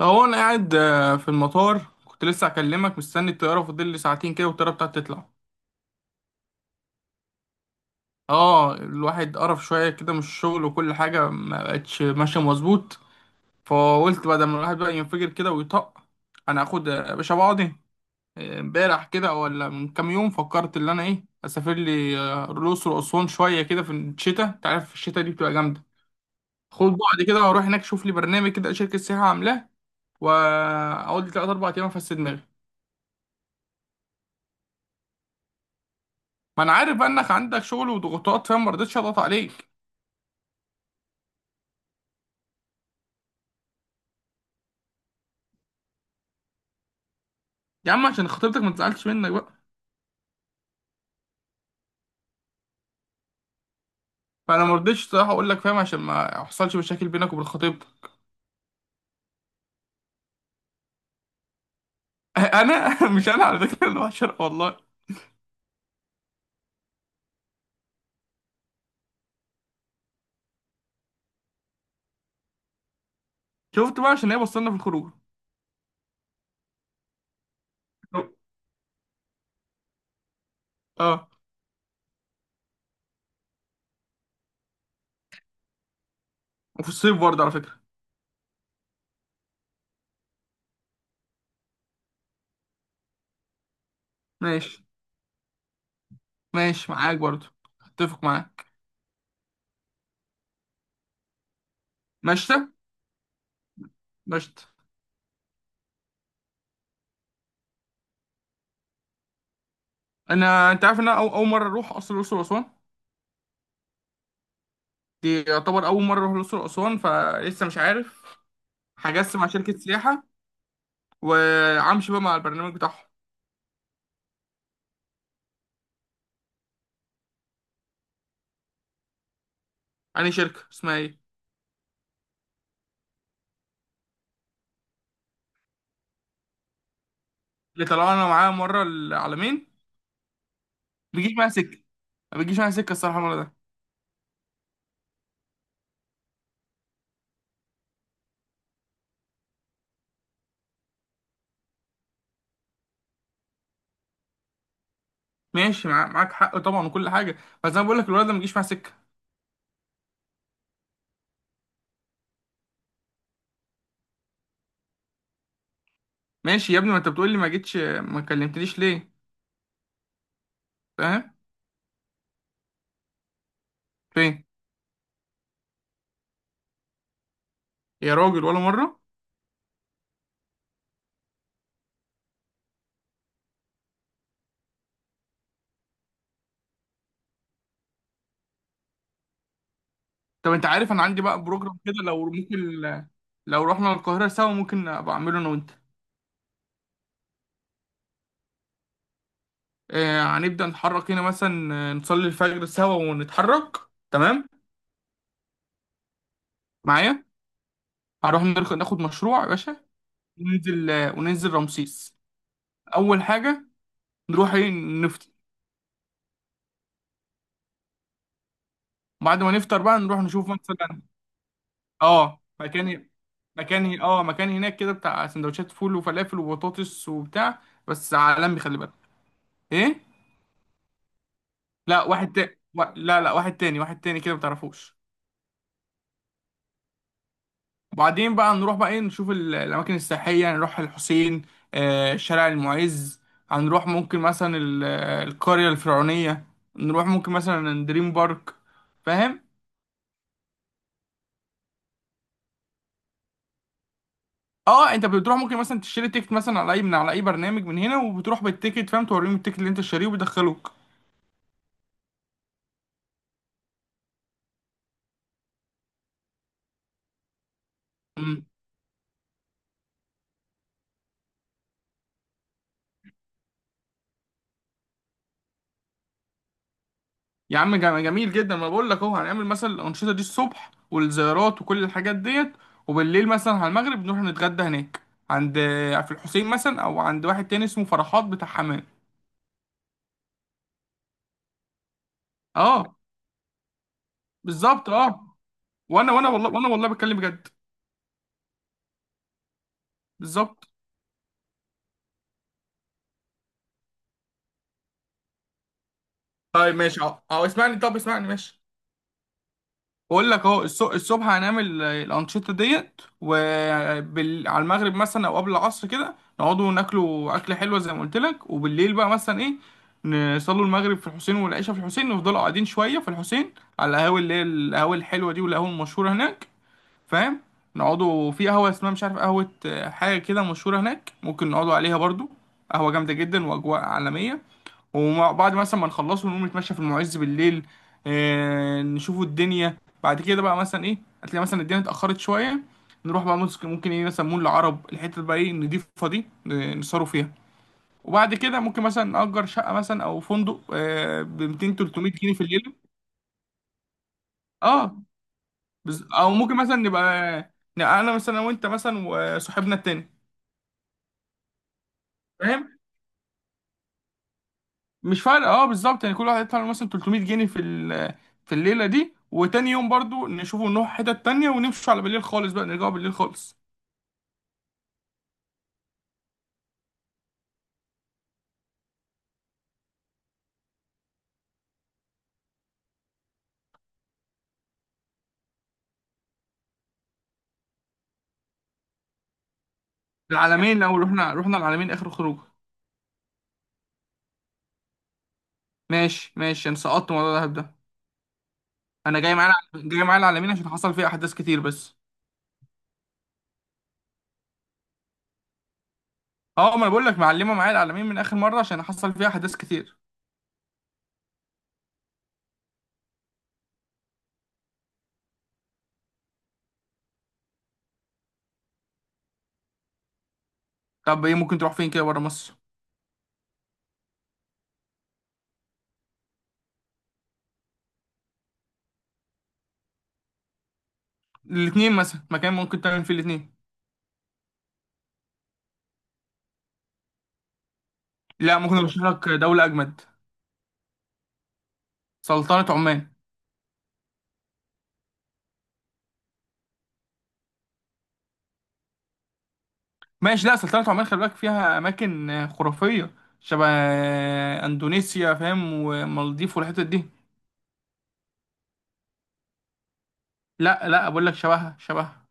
هو انا قاعد آه، في المطار كنت لسه هكلمك، مستني الطياره. فاضل لي ساعتين كده والطياره بتاعتي تطلع. اه، الواحد قرف شويه كده من الشغل وكل حاجه ما بقتش ماشيه مظبوط. فقلت بدل ما الواحد بقى ينفجر كده ويطق، انا هاخد يا باشا بعضي. امبارح كده ولا من كام يوم فكرت ان انا ايه اسافر لي الاقصر واسوان شويه كده في الشتاء. انت عارف الشتاء دي بتبقى جامده. خد بعضي كده واروح هناك، اشوف لي برنامج كده شركه سياحه عاملاه، واقعد لي 3 4 ايام افسد دماغي. ما انا عارف بقى انك عندك شغل وضغوطات، فاهم، ما رضيتش اضغط عليك. يا عم عشان خطيبتك ما تزعلش منك بقى. فانا ما رضيتش صراحه اقول لك، فاهم، عشان ما يحصلش مشاكل بينك وبين خطيبتك. انا مش انا على فكره، انا بشر والله. شفت بقى عشان هي بصلنا في الخروج. اه، وفي الصيف برضه على فكره. ماشي. ماشي معاك برضه. اتفق معاك. مشتى. مشتى. انت عارف ان انا اول مره اروح اصلا الاقصر واسوان. دي يعتبر اول مره اروح الاقصر واسوان، فلسه مش عارف. هجسم مع شركه سياحه، وامشي بقى مع البرنامج بتاعهم. يعني شركة اسمها ايه؟ اللي طلعنا معاه مرة العالمين. ما بيجيش معاها سكة. ما بيجيش معاها سكة الصراحة المرة ده. ماشي، معاك حق طبعا وكل حاجة. بس انا بقول لك الولد ده ما بيجيش معاه سكة. ماشي يا ابني، ما انت بتقول لي ما جيتش ما كلمتنيش ليه؟ فاهم. فين؟ يا راجل، ولا مرة؟ طب انت عارف انا عندي بقى بروجرام كده، لو ممكن لو رحنا القاهرة سوا ممكن ابقى اعمله انا وانت. هنبدأ نتحرك هنا مثلا، نصلي الفجر سوا ونتحرك. تمام. معايا. هنروح ناخد مشروع يا باشا، وننزل رمسيس. اول حاجه نروح ايه نفطر. بعد ما نفطر بقى نروح نشوف مثلا. اه، مكان. مكان هناك كده، بتاع سندوتشات فول وفلافل وبطاطس وبتاع. بس عالمي، خلي بالك. ايه؟ لا واحد تاني لا، لا، واحد تاني واحد تاني كده ما تعرفوش. وبعدين بقى نروح بقى ايه، نشوف الاماكن السياحيه، نروح الحسين، شارع المعز. هنروح ممكن مثلا القريه الفرعونيه، نروح ممكن مثلا دريم بارك. فاهم. اه، انت بتروح ممكن مثلا تشتري تيكت مثلا على اي، من على اي برنامج من هنا، وبتروح بالتيكت، فاهم، توريهم التيكت اللي انت شاريه وبيدخلوك. امم. يا عم جميل جدا. ما بقول لك اهو هنعمل مثلا الانشطه دي الصبح والزيارات وكل الحاجات ديت. وبالليل مثلا على المغرب نروح نتغدى هناك. عند، في الحسين مثلا، او عند واحد تاني اسمه فرحات بتاع حمام. اه، بالظبط، اه. وانا والله بتكلم بجد. بالظبط. طيب ماشي، اه، اه، اسمعني، طب اسمعني، ماشي. بقول لك اهو الصبح هنعمل الانشطه ديت، وعلى المغرب مثلا او قبل العصر كده نقعدوا ناكلوا اكله حلوه زي ما قلت لك، وبالليل بقى مثلا ايه، نصلوا المغرب في الحسين والعشاء في الحسين، نفضلوا قاعدين شويه في الحسين على القهاوي اللي هي القهاوي الحلوه دي، والقهوه المشهوره هناك، فاهم. نقعدوا في قهوه اسمها مش عارف، قهوه حاجه كده مشهوره هناك، ممكن نقعدوا عليها برضو. قهوه جامده جدا واجواء عالميه. وبعد مثلا ما نخلصه نقوم نتمشى في المعز بالليل، نشوفوا الدنيا. بعد كده بقى مثلا ايه، هتلاقي مثلا الدنيا اتأخرت شوية. نروح بقى ممكن ايه، مثلا مول العرب الحتة بقى ايه نضيفها دي، نسهروا فيها. وبعد كده ممكن مثلا نأجر شقة مثلا أو فندق، ب 200 300 جنيه في الليل. اه. أو ممكن مثلا نبقى، نبقى أنا مثلا وأنت مثلا وصاحبنا التاني، فاهم. مش فارقه، اه، بالظبط. يعني كل واحد يدفع له مثلا 300 جنيه في في الليله دي، وتاني يوم برضو نشوفه، نروح حتت تانية، ونمشي على بالليل خالص، بقى نرجعوا بالليل خالص. العلمين، لو رحنا العلمين اخر خروج. ماشي، ماشي، انا سقطت موضوع الدهب ده. انا جاي معايا العلمين عشان حصل فيها احداث كتير بس. اه، ما انا بقول لك معلمه معايا العلمين من اخر مره عشان حصل فيها احداث كتير. طب ايه ممكن تروح فين كده بره مصر؟ الاثنين، مثلا مكان ممكن تعمل فيه الاثنين. لا، ممكن ارشح لك دوله اجمد. سلطنه عمان. ماشي، لا سلطنة عمان خلي بالك فيها أماكن خرافية. شبه أندونيسيا، فاهم، ومالديف والحتت دي. لا، لا، بقول لك شبهها، شبهها.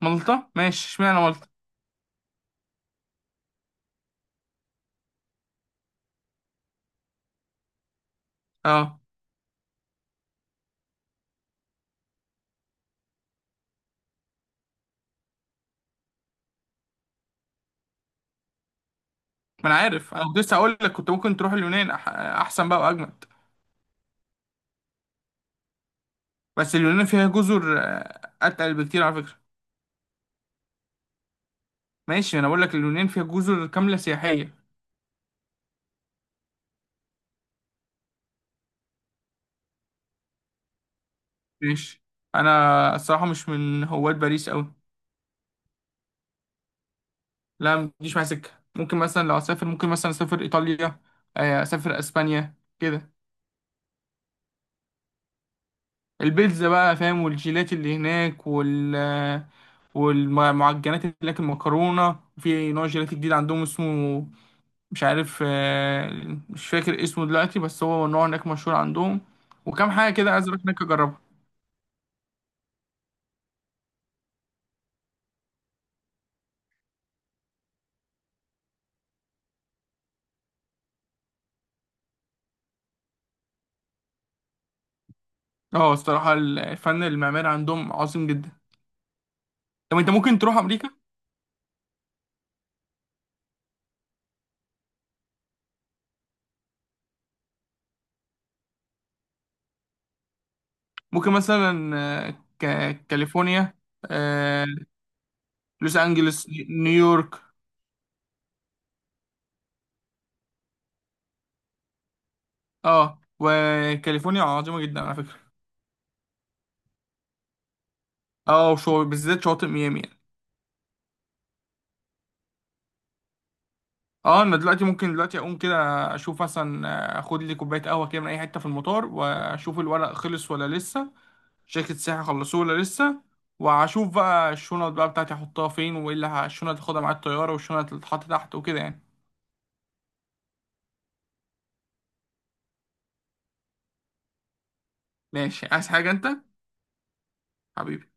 مالطا. ماشي، اشمعنى مالطا؟ اه، ما أنا عارف، أنا كنت لسه أقول لك كنت ممكن تروح اليونان أحسن بقى وأجمد. بس اليونان فيها جزر أتقل بكتير على فكرة. ماشي، أنا بقول لك اليونان فيها جزر كاملة سياحية. ماشي. أنا الصراحة مش من هواة باريس أوي. لا، ما تجيش معايا سكة. ممكن مثلا لو أسافر ممكن مثلا أسافر إيطاليا، أسافر أسبانيا كده. البيتزا بقى، فاهم، والجيلات اللي هناك والمعجنات اللي هناك، المكرونة، في نوع جيلاتي جديد عندهم اسمه مش عارف، مش فاكر اسمه دلوقتي، بس هو نوع هناك مشهور عندهم. وكم حاجة كده عايز اروح هناك اجربها. اه، الصراحة الفن المعماري عندهم عظيم جدا. طب انت ممكن تروح امريكا. ممكن مثلا آه، كاليفورنيا، آه، لوس انجلوس، نيويورك. اه، وكاليفورنيا عظيمة جدا على فكرة. اه، وشو بالذات شواطئ ميامي. اه، انا دلوقتي، ممكن دلوقتي اقوم كده، اشوف مثلا اخد لي كوبايه قهوه كده من اي حته في المطار، واشوف الورق خلص ولا لسه، شركه السياحه خلصوه ولا لسه. واشوف بقى الشنط بقى بتاعتي احطها فين، وايه اللي الشنط اللي هاخدها مع الطياره والشنط اللي تتحط تحت، وكده يعني. ماشي، عايز حاجه انت؟ حبيبي.